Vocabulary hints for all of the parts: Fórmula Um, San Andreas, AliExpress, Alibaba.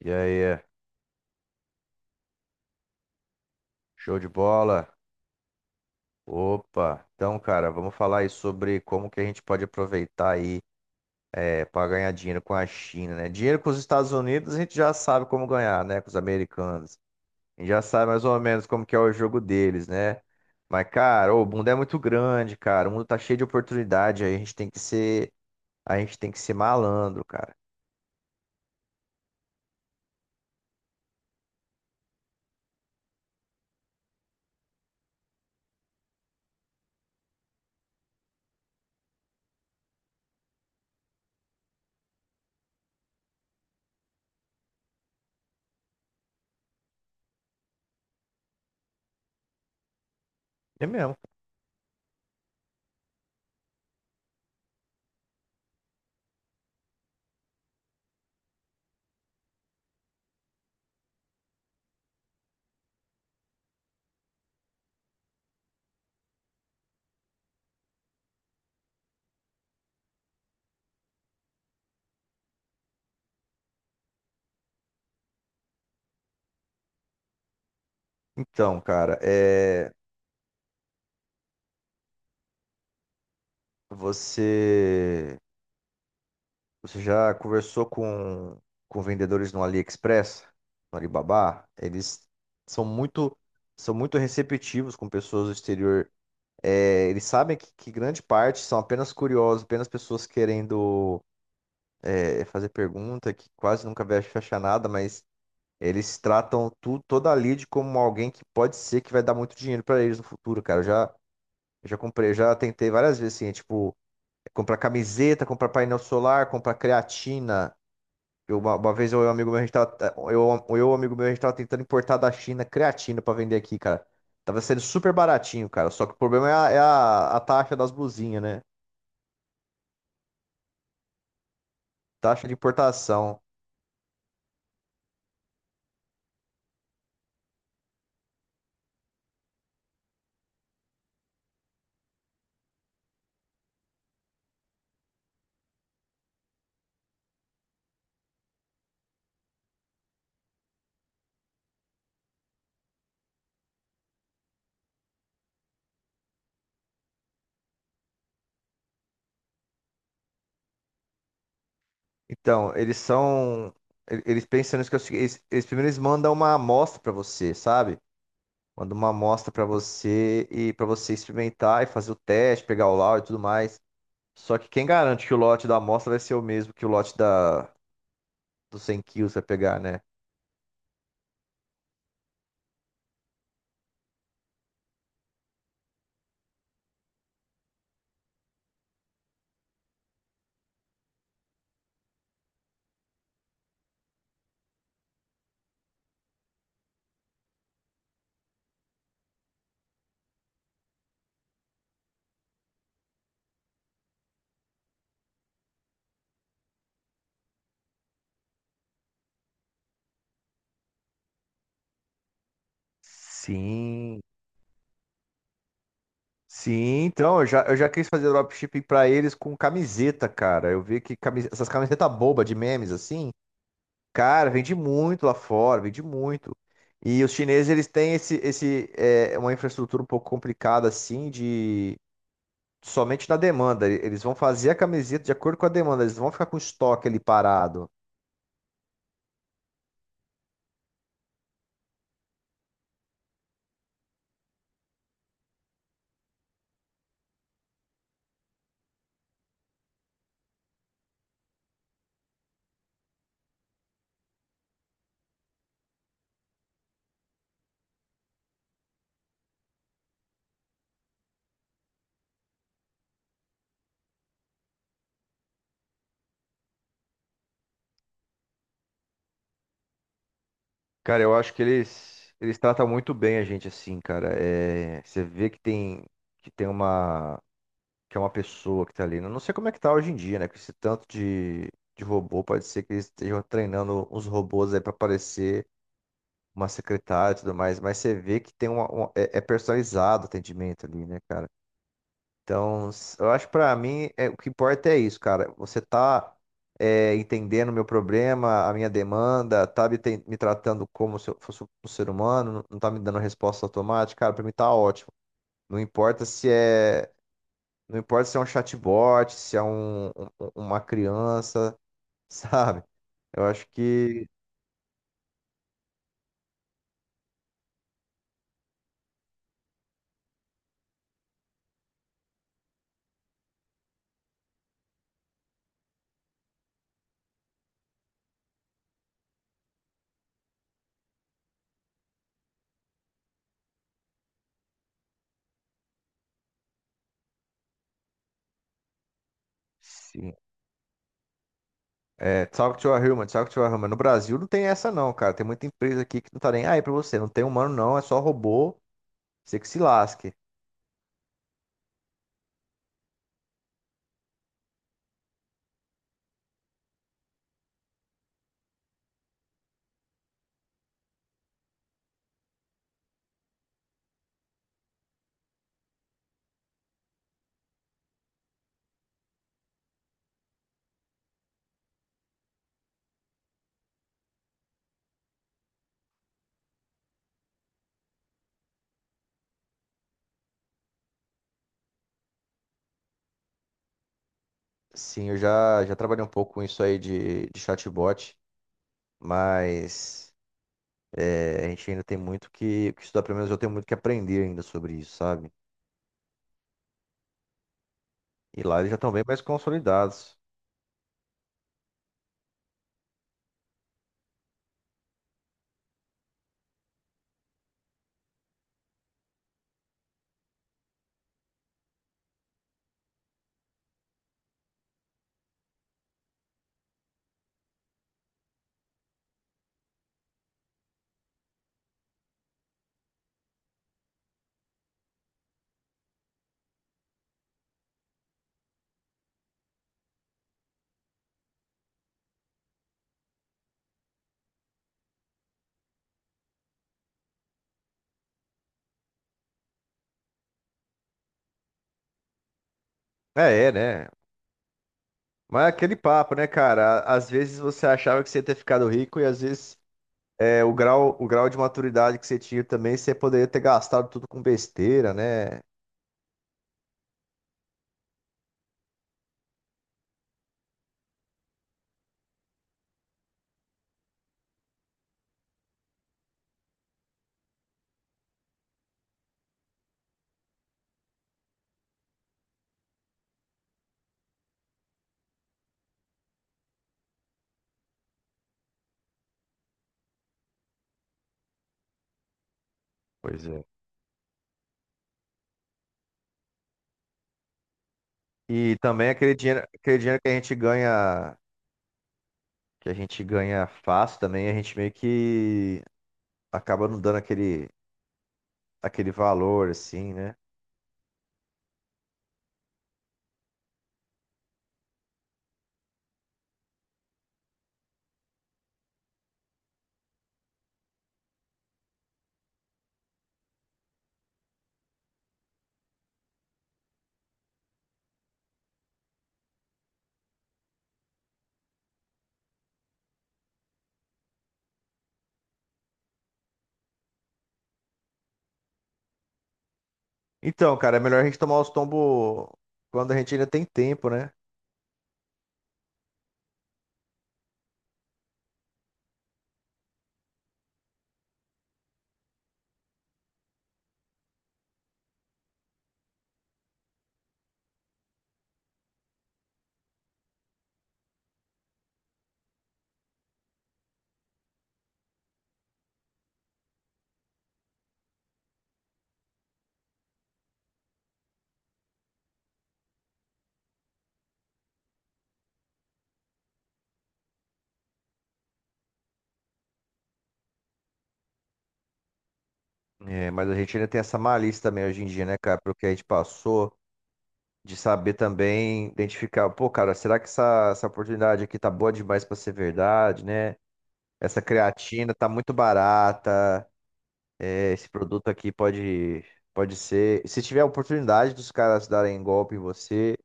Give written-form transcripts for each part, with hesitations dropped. E aí, show de bola? Opa! Então, cara, vamos falar aí sobre como que a gente pode aproveitar aí para ganhar dinheiro com a China, né? Dinheiro com os Estados Unidos a gente já sabe como ganhar, né? Com os americanos. A gente já sabe mais ou menos como que é o jogo deles, né? Mas, cara, ô, o mundo é muito grande, cara. O mundo tá cheio de oportunidade aí. A gente tem que ser, a gente tem que ser malandro, cara. É mesmo. Então, cara, você Você já conversou com vendedores no AliExpress, no Alibaba? Eles são muito, são muito receptivos com pessoas do exterior. É, eles sabem que grande parte são apenas curiosos, apenas pessoas querendo fazer pergunta, que quase nunca vai fechar nada, mas eles tratam tu, toda a lead como alguém que pode ser que vai dar muito dinheiro para eles no futuro, cara. Eu já comprei, eu já tentei várias vezes, assim, tipo, comprar camiseta, comprar painel solar, comprar creatina uma vez eu e um amigo meu, a gente tava, é, eu e um amigo meu, a gente tava tentando importar da China creatina pra vender aqui, cara. Tava sendo super baratinho, cara. Só que o problema é a taxa das blusinhas, né? Taxa de importação. Então, eles são. Eles pensam nisso que é o seguinte, eles primeiro eles mandam uma amostra pra você, sabe? Mandam uma amostra pra você e pra você experimentar e fazer o teste, pegar o laudo e tudo mais. Só que quem garante que o lote da amostra vai ser o mesmo que dos 100 quilos vai pegar, né? Sim. Sim, então, eu já quis fazer dropshipping pra eles com camiseta, cara. Eu vi que essas camisetas boba de memes, assim, cara, vende muito lá fora, vende muito. E os chineses, eles têm uma infraestrutura um pouco complicada, assim, de somente na demanda. Eles vão fazer a camiseta de acordo com a demanda, eles não vão ficar com o estoque ali parado. Cara, eu acho que eles tratam muito bem a gente, assim, cara. É, você vê que tem uma que é uma pessoa que tá ali. Eu não sei como é que tá hoje em dia, né? Com esse tanto de robô, pode ser que eles estejam treinando uns robôs aí pra parecer uma secretária e tudo mais, mas você vê que tem é personalizado o atendimento ali, né, cara? Então, eu acho que pra mim, o que importa é isso, cara. Você tá entendendo o meu problema, a minha demanda, me tratando como se eu fosse um ser humano, não tá me dando resposta automática, cara, pra mim tá ótimo. Não importa se é não importa se é um chatbot, se é uma criança, sabe? Eu acho que sim. É, talk to a human, talk to a human. No Brasil não tem essa não, cara. Tem muita empresa aqui que não tá nem aí pra você. Não tem humano não, é só robô. Você que se lasque. Sim, já trabalhei um pouco com isso aí de chatbot, mas a gente ainda tem muito que estudar. Pelo menos eu tenho muito que aprender ainda sobre isso, sabe? E lá eles já estão bem mais consolidados. É, é, né? Mas é aquele papo, né, cara? Às vezes você achava que você ia ter ficado rico e às vezes o grau de maturidade que você tinha também, você poderia ter gastado tudo com besteira, né? Pois é. E também aquele dinheiro que a gente ganha, que a gente ganha fácil também, a gente meio que acaba não dando aquele valor, assim, né? Então, cara, é melhor a gente tomar os tombos quando a gente ainda tem tempo, né? É, mas a gente ainda tem essa malícia também hoje em dia, né, cara? Pelo que a gente passou. De saber também identificar, pô, cara, será que essa oportunidade aqui tá boa demais pra ser verdade, né? Essa creatina tá muito barata, esse produto aqui pode ser. Se tiver a oportunidade dos caras darem golpe em você,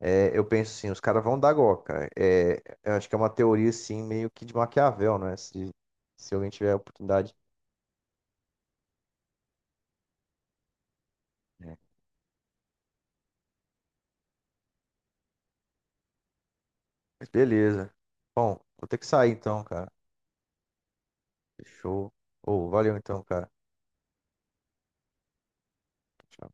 é, eu penso assim, os caras vão dar golpe, cara. É, eu acho que é uma teoria, assim, meio que de Maquiavel, né? Se alguém tiver a oportunidade. Né? Mas beleza. Bom, vou ter que sair então, cara. Fechou. Ô, valeu então, cara. Tchau.